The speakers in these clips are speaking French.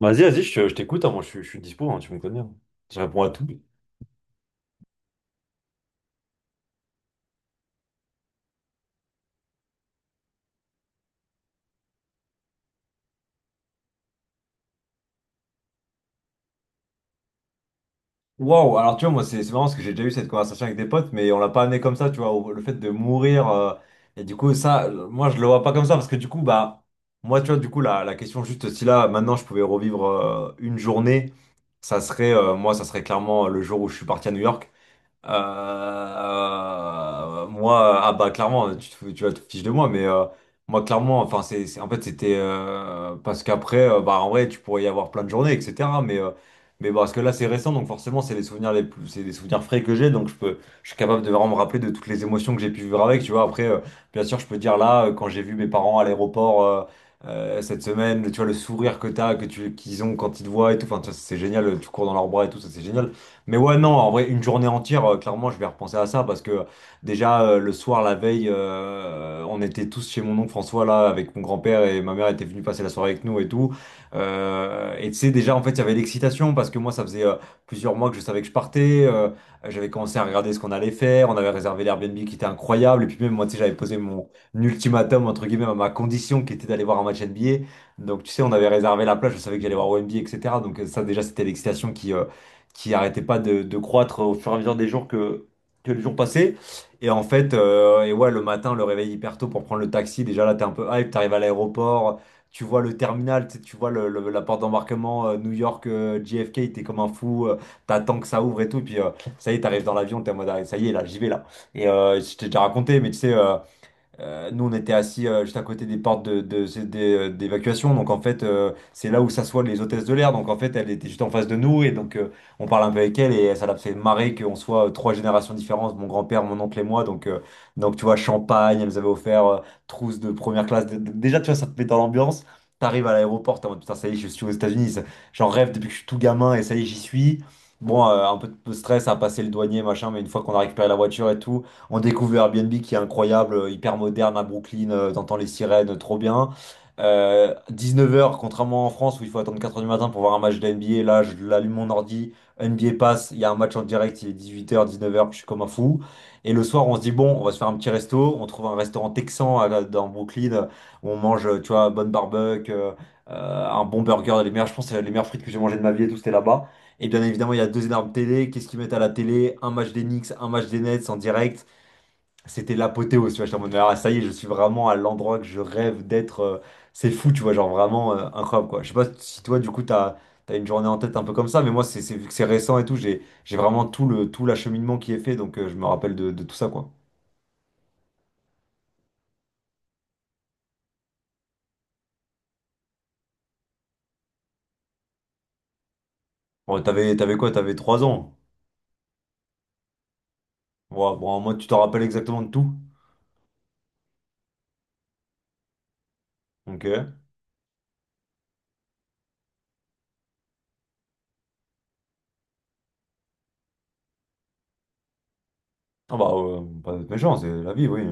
Je t'écoute, hein. Moi je suis dispo, hein, tu me connais, hein. Je réponds à tout. Wow, alors tu vois, moi c'est marrant parce que j'ai déjà eu cette conversation avec des potes, mais on l'a pas amené comme ça, tu vois, le fait de mourir. Et du coup, moi je le vois pas comme ça parce que du coup, bah, moi tu vois, du coup, la question, juste si là, maintenant je pouvais revivre une journée, ça serait, ça serait clairement le jour où je suis parti à New York. Ah bah clairement, tu vas te fiches de moi, mais moi clairement, enfin en fait c'était parce qu'après, bah en vrai, tu pourrais y avoir plein de journées, etc. Mais parce que là c'est récent, donc forcément c'est les souvenirs les plus, c'est des souvenirs frais que j'ai, donc je suis capable de vraiment me rappeler de toutes les émotions que j'ai pu vivre avec, tu vois. Après, bien sûr, je peux dire là quand j'ai vu mes parents à l'aéroport. Cette semaine, tu vois, le sourire que qu'ils ont quand ils te voient et tout, enfin, tu vois, c'est génial, tu cours dans leurs bras et tout, ça c'est génial. Mais ouais, non, en vrai, une journée entière, clairement, je vais repenser à ça parce que déjà, le soir, la veille, on était tous chez mon oncle François, là, avec mon grand-père, et ma mère était venue passer la soirée avec nous et tout. Et tu sais, déjà, en fait, il y avait l'excitation parce que moi, ça faisait plusieurs mois que je savais que je partais. J'avais commencé à regarder ce qu'on allait faire. On avait réservé l'Airbnb qui était incroyable. Et puis même, moi, tu sais, j'avais posé mon ultimatum, entre guillemets, à ma condition qui était d'aller voir un match NBA. Donc, tu sais, on avait réservé la plage, je savais que j'allais voir au NBA, etc. Donc, ça, déjà, c'était l'excitation qui arrêtait pas de croître au fur et à mesure des jours que les jours passaient. Et en fait, ouais, le matin, le réveil hyper tôt pour prendre le taxi, déjà là, t'es un peu hype, t'arrives à l'aéroport, tu vois le terminal, tu sais, tu vois la porte d'embarquement New York, JFK, t'es comme un fou, t'attends que ça ouvre et tout, et puis ça y est, t'arrives dans l'avion, t'es en mode, ah, ça y est, là, j'y vais là. Je t'ai déjà raconté, mais tu sais... nous, on était assis juste à côté des portes c'est des, d'évacuation. Donc, en fait, c'est là où s'assoient les hôtesses de l'air. Donc, en fait, elle était juste en face de nous. Et donc, on parle un peu avec elle. Et ça l'a fait marrer qu'on soit trois générations différentes, mon grand-père, mon oncle et moi. Donc tu vois, champagne, elle nous avait offert trousse de première classe. Déjà, tu vois, ça te met dans l'ambiance. T'arrives à l'aéroport, t'es en mode putain, ça y est, je suis aux États-Unis. J'en rêve depuis que je suis tout gamin. Et ça y est, j'y suis. Bon, un peu de stress à passer le douanier, machin. Mais une fois qu'on a récupéré la voiture et tout. On découvre le Airbnb qui est incroyable, hyper moderne à Brooklyn, t'entends les sirènes, trop bien. 19 heures, contrairement en France où il faut attendre 4 heures du matin pour voir un match de NBA, là je l'allume mon ordi, NBA passe, il y a un match en direct, il est 18 h, 19 heures, je suis comme un fou. Et le soir on se dit bon, on va se faire un petit resto, on trouve un restaurant texan dans Brooklyn où on mange, tu vois, bonne barbecue, un bon burger, les meilleurs, je pense que c'est les meilleures frites que j'ai mangées de ma vie et tout, c'était là-bas. Et bien évidemment, il y a deux énormes télés. Qu'est-ce qu'ils mettent à la télé? Un match des Knicks, un match des Nets en direct, c'était l'apothéose, tu vois, j'étais en mode, ah, ça y est, je suis vraiment à l'endroit que je rêve d'être, c'est fou, tu vois, genre vraiment incroyable, quoi. Je sais pas si toi, du coup, t'as une journée en tête un peu comme ça, mais moi, vu que c'est récent et tout, j'ai vraiment tout le, tout l'acheminement qui est fait, donc je me rappelle de tout ça, quoi. Bon, t'avais quoi? T'avais 3 ans. Ouais, bon, moi, tu t'en rappelles exactement de tout. Ok. Ah bah, pas de méchant, c'est la vie, oui.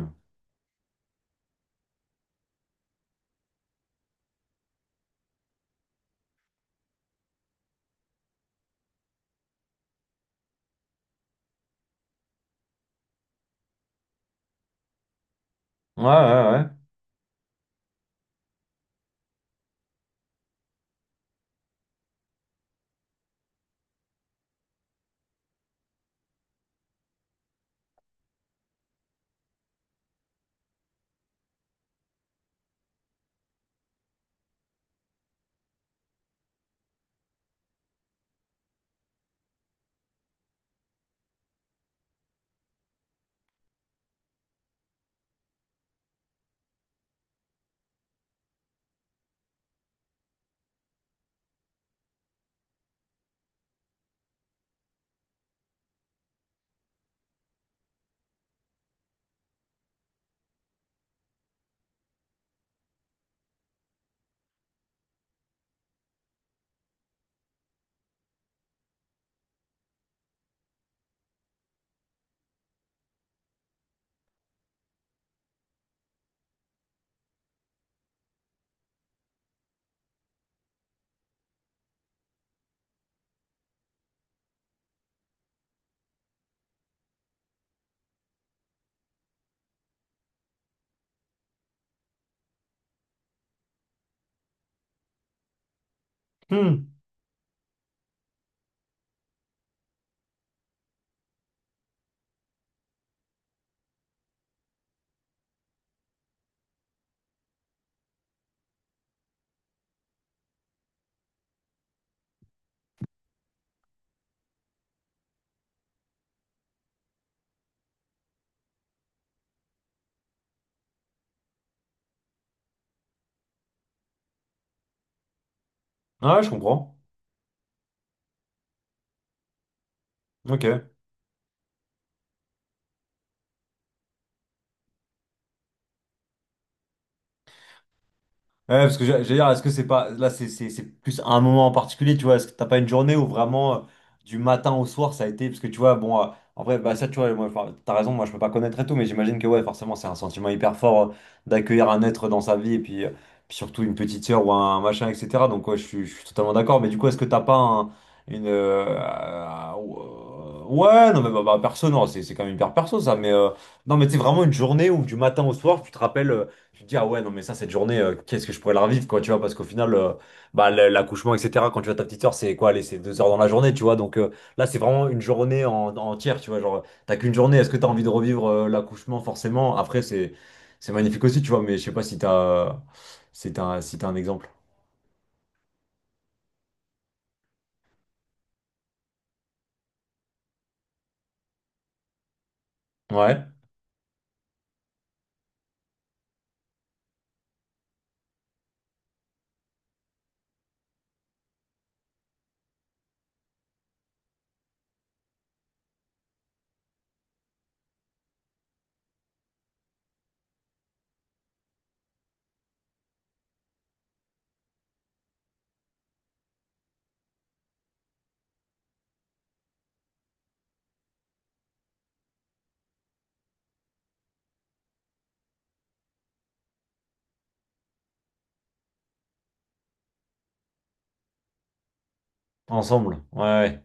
Ouais, ouais, ouais. Hmm. Ouais, je comprends. Ok. Ouais, parce que j'allais dire, est-ce que c'est pas là, c'est plus un moment en particulier, tu vois? Est-ce que t'as pas une journée où vraiment du matin au soir ça a été? Parce que tu vois, bon, en vrai, bah ça, tu vois, moi, enfin, t'as raison, moi je peux pas connaître et tout, mais j'imagine que ouais, forcément, c'est un sentiment hyper fort d'accueillir un être dans sa vie et puis, puis surtout une petite sœur ou un machin, etc. Donc, ouais, je suis totalement d'accord, mais du coup, est-ce que t'as pas un- une. Ouais, non, mais perso, non, c'est quand même hyper perso ça, non, mais c'est vraiment une journée où du matin au soir, tu te rappelles. Tu te dis, ah ouais, non, mais ça, cette journée, qu'est-ce que je pourrais la revivre, quoi, tu vois, parce qu'au final, bah, l'accouchement, etc., quand tu as ta petite soeur, c'est quoi, allez, c'est deux heures dans la journée, tu vois, donc là, c'est vraiment une journée entière, tu vois, genre, t'as qu'une journée, est-ce que t'as envie de revivre l'accouchement, forcément? Après, c'est magnifique aussi, tu vois, mais je sais pas si t'as si t'as un exemple. Ouais, ensemble, ouais, ouais,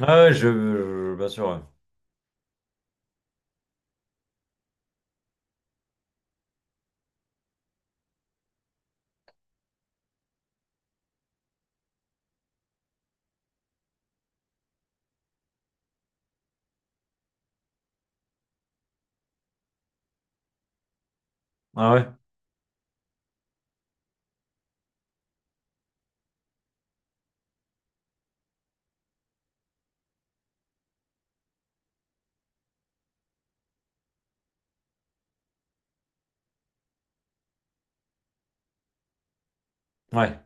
ouais, ouais, bien sûr, ouais, ouais, ouais. Ouais.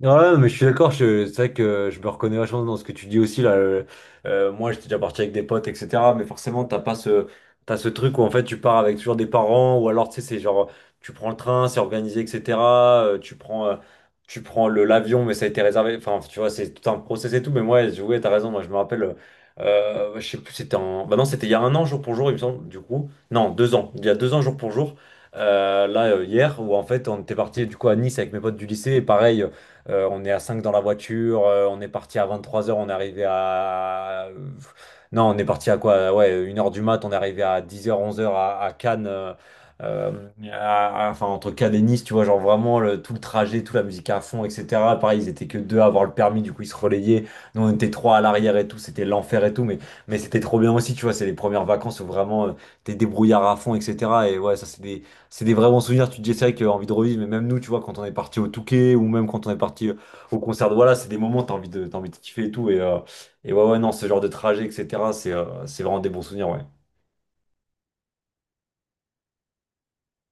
Ouais, mais je suis d'accord, c'est vrai que je me reconnais vachement dans ce que tu dis aussi là. Moi, j'étais déjà parti avec des potes, etc. Mais forcément, t'as pas ce, t'as ce truc où en fait tu pars avec toujours des parents, ou alors tu sais, c'est genre tu prends le train, c'est organisé, etc. euh, tu prends, euh, Tu prends le l'avion, mais ça a été réservé. Enfin, tu vois, c'est tout un process et tout. Mais moi, ouais, t'as raison. Moi, je me rappelle, je sais plus, bah non, c'était il y a un an jour pour jour, il me semble. Du coup, non, deux ans. Il y a deux ans jour pour jour. Hier, où en fait, on était parti du coup à Nice avec mes potes du lycée, et pareil. On est à 5 dans la voiture. On est parti à 23 heures. On est arrivé à. Non, on est parti à quoi? Ouais, une heure du mat. On est arrivé à 10 heures, 11 heures à Cannes. Euh, enfin, entre Cannes et Nice, tu vois, genre vraiment tout le trajet, toute la musique à fond, etc. Pareil, ils étaient que deux à avoir le permis, du coup, ils se relayaient. Nous, on était trois à l'arrière et tout. C'était l'enfer et tout. Mais c'était trop bien aussi, tu vois. C'est les premières vacances où vraiment t'es débrouillard à fond, etc. Et ouais, ça, c'est des vrais bons souvenirs. Tu te dis, c'est vrai que envie de revivre, mais même nous, tu vois, quand on est parti au Touquet ou même quand on est parti au concert de voilà, c'est des moments, t'as envie de kiffer et tout. Et ouais, ouais, non, ce genre de trajet, etc., c'est vraiment des bons souvenirs, ouais.